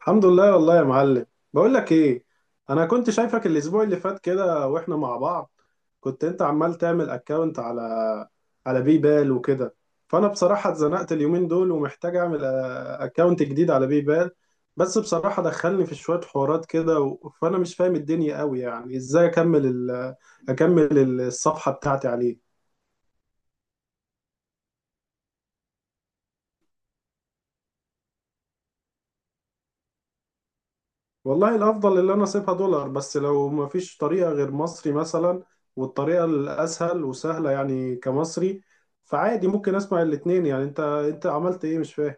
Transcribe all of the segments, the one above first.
الحمد لله والله يا معلم. بقول لك ايه، انا كنت شايفك الاسبوع اللي فات كده واحنا مع بعض. كنت انت عمال تعمل اكاونت على بيبال وكده. فانا بصراحة اتزنقت اليومين دول ومحتاج اعمل اكاونت جديد على بيبال. بس بصراحة دخلني في شوية حوارات كده فانا مش فاهم الدنيا قوي يعني ازاي اكمل ال... آه، اكمل الصفحة بتاعتي عليه. والله الافضل اللي انا اسيبها دولار، بس لو ما فيش طريقه غير مصري مثلا. والطريقه الاسهل وسهله يعني كمصري. فعادي ممكن اسمع الاتنين، يعني انت عملت ايه مش فاهم.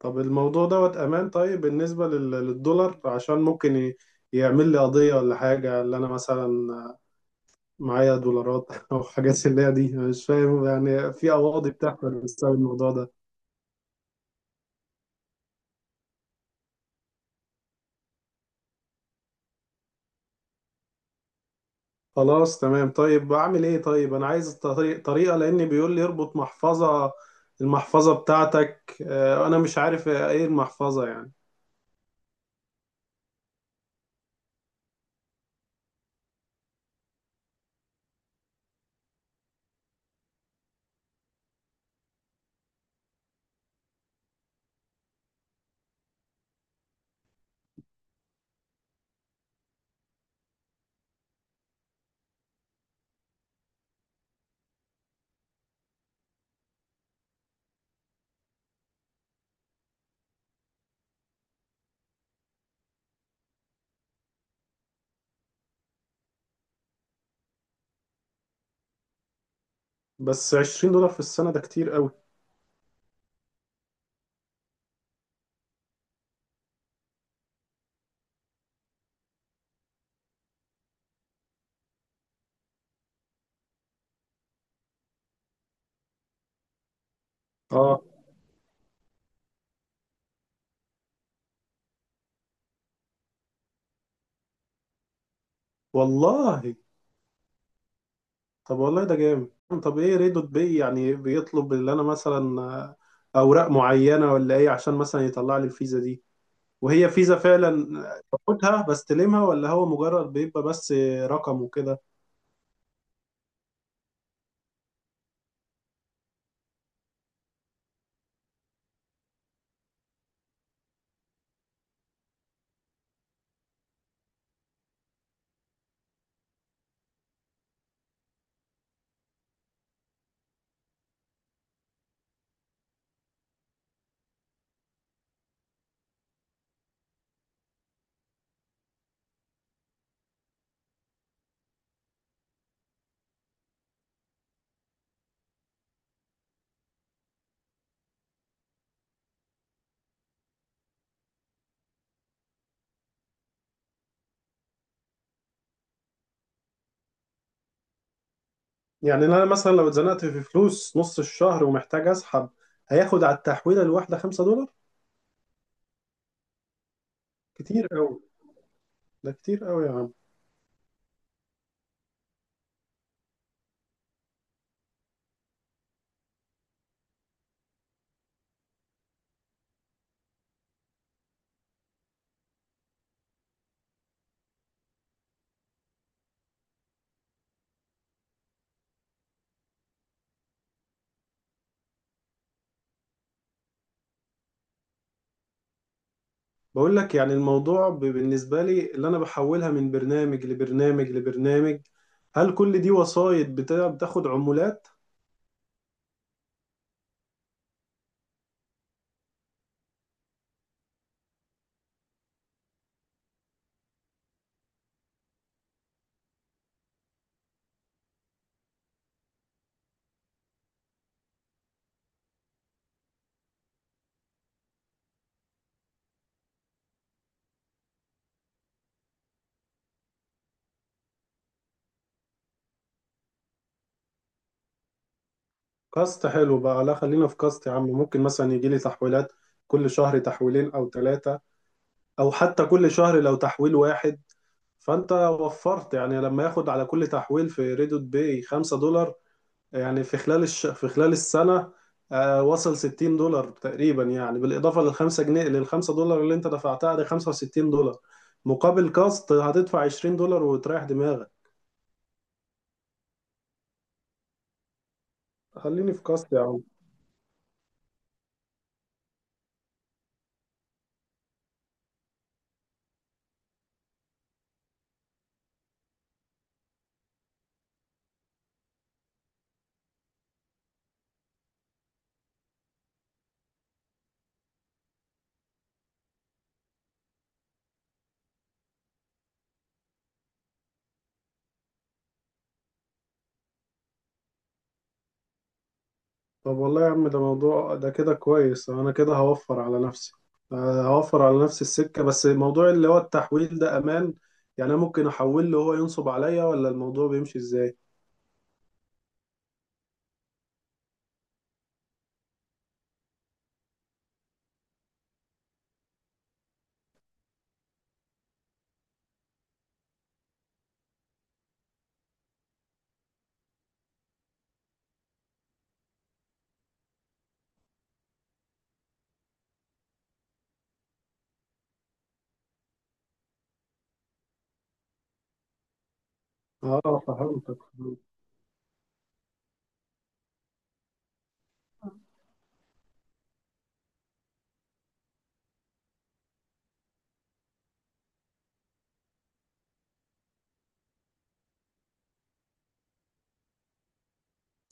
طب الموضوع دوت امان؟ طيب بالنسبه للدولار عشان ممكن يعمل لي قضيه ولا حاجه؟ اللي انا مثلا معايا دولارات او حاجات اللي هي دي، أنا مش فاهم يعني في قواضي بتحصل بسبب الموضوع ده. خلاص تمام، طيب اعمل ايه؟ طيب انا عايز طريقة لان بيقول لي اربط المحفظة بتاعتك، انا مش عارف ايه المحفظة يعني. بس $20 في السنة ده كتير قوي. اه والله. طب والله ده جامد. طب ايه ريدوت بي يعني؟ بيطلب اللي انا مثلا اوراق معينة ولا ايه عشان مثلا يطلع لي الفيزا دي، وهي فيزا فعلا باخدها بستلمها، ولا هو مجرد بيبقى بس رقم وكده؟ يعني انا مثلا لو اتزنقت في فلوس نص الشهر ومحتاج اسحب، هياخد على التحويله الواحده $5؟ كتير قوي، ده كتير قوي يا عم. بقول لك يعني الموضوع بالنسبه لي اللي انا بحولها من برنامج لبرنامج لبرنامج، هل كل دي وسايط بتاخد عمولات؟ كاست حلو بقى. لا خلينا في كاست يا عم، ممكن مثلا يجي لي تحويلات كل شهر تحويلين او ثلاثه، او حتى كل شهر لو تحويل واحد، فانت وفرت. يعني لما ياخد على كل تحويل في ريدوت باي $5، يعني في خلال في خلال السنة وصل $60 تقريبا، يعني بالإضافة للخمسة دولار اللي أنت دفعتها دي $65، مقابل كاست هتدفع $20 وتريح دماغك. خليني في كاست يا عم. طب والله يا عم ده موضوع، ده كده كويس، أنا كده هوفر على نفسي، هوفر على نفسي السكة. بس موضوع اللي هو التحويل ده أمان؟ يعني أنا ممكن أحول له هو ينصب عليا ولا الموضوع بيمشي إزاي؟ آه فهمتك.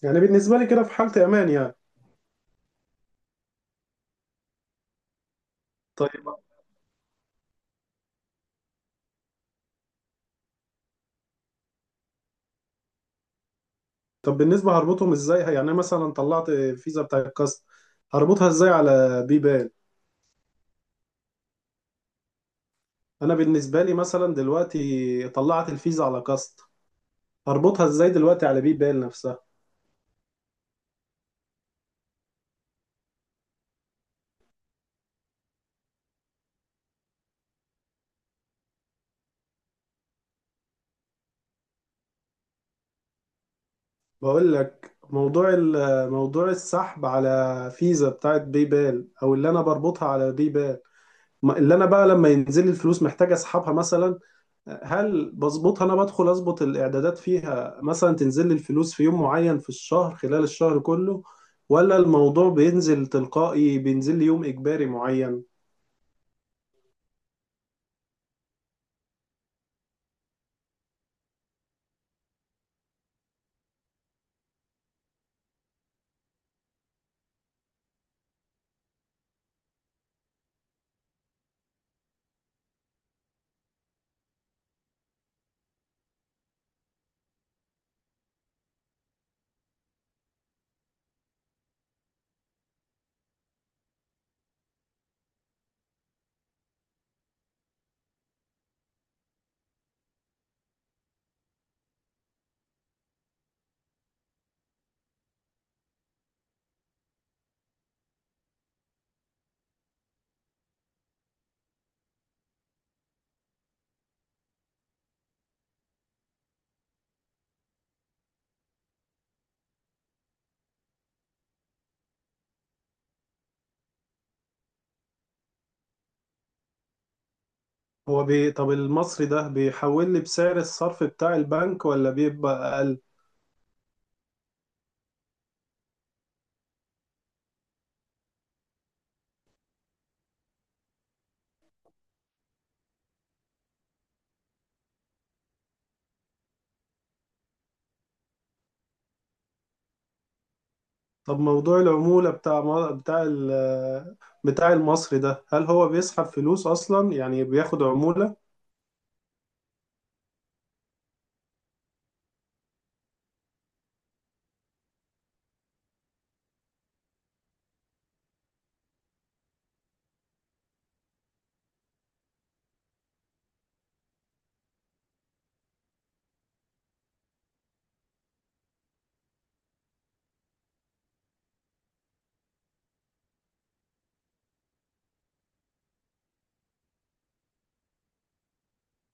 يعني بالنسبة لي كده في حالة أمان يعني. طيب. طب بالنسبة هربطهم ازاي؟ يعني انا مثلا طلعت فيزا بتاع الكاست، هربطها ازاي على بيبال؟ انا بالنسبة لي مثلا دلوقتي طلعت الفيزا على كاست، هربطها ازاي دلوقتي على بيبال نفسها؟ بقول لك موضوع موضوع السحب على فيزا بتاعت بيبال او اللي انا بربطها على بيبال، اللي انا بقى لما ينزل لي الفلوس محتاج اسحبها مثلا، هل بظبطها انا بدخل اظبط الاعدادات فيها مثلا تنزل لي الفلوس في يوم معين في الشهر خلال الشهر كله؟ ولا الموضوع بينزل تلقائي بينزل لي يوم اجباري معين؟ طب المصري ده بيحول لي بسعر الصرف بتاع البنك ولا بيبقى اقل؟ طب موضوع العمولة بتاع بتاع المصري ده، هل هو بيسحب فلوس اصلا يعني بياخد عمولة؟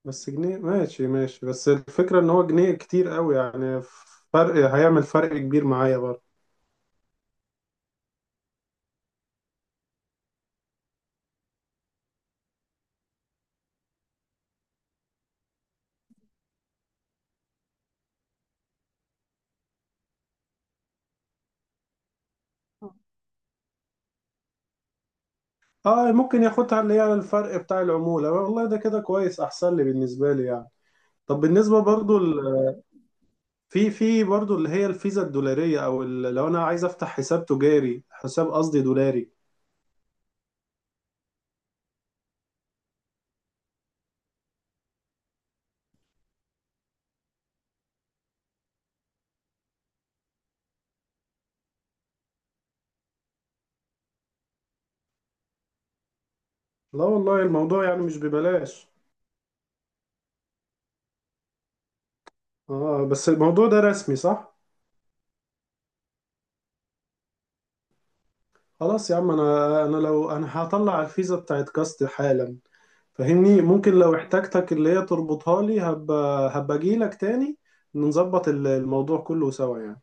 بس جنيه ماشي ماشي، بس الفكرة ان هو جنيه كتير قوي يعني، فرق هيعمل فرق كبير معايا برضه. اه ممكن ياخدها اللي هي الفرق بتاع العمولة، والله ده كده كويس احسن لي بالنسبة لي يعني. طب بالنسبة برضو في برضو اللي هي الفيزا الدولارية او لو انا عايز افتح حساب تجاري، حساب قصدي دولاري. لا والله الموضوع يعني مش ببلاش. اه بس الموضوع ده رسمي صح؟ خلاص يا عم، انا لو انا هطلع الفيزا بتاعت كاست حالا فاهمني، ممكن لو احتاجتك اللي هي تربطها لي، هبقى اجيلك تاني نظبط الموضوع كله سوا يعني.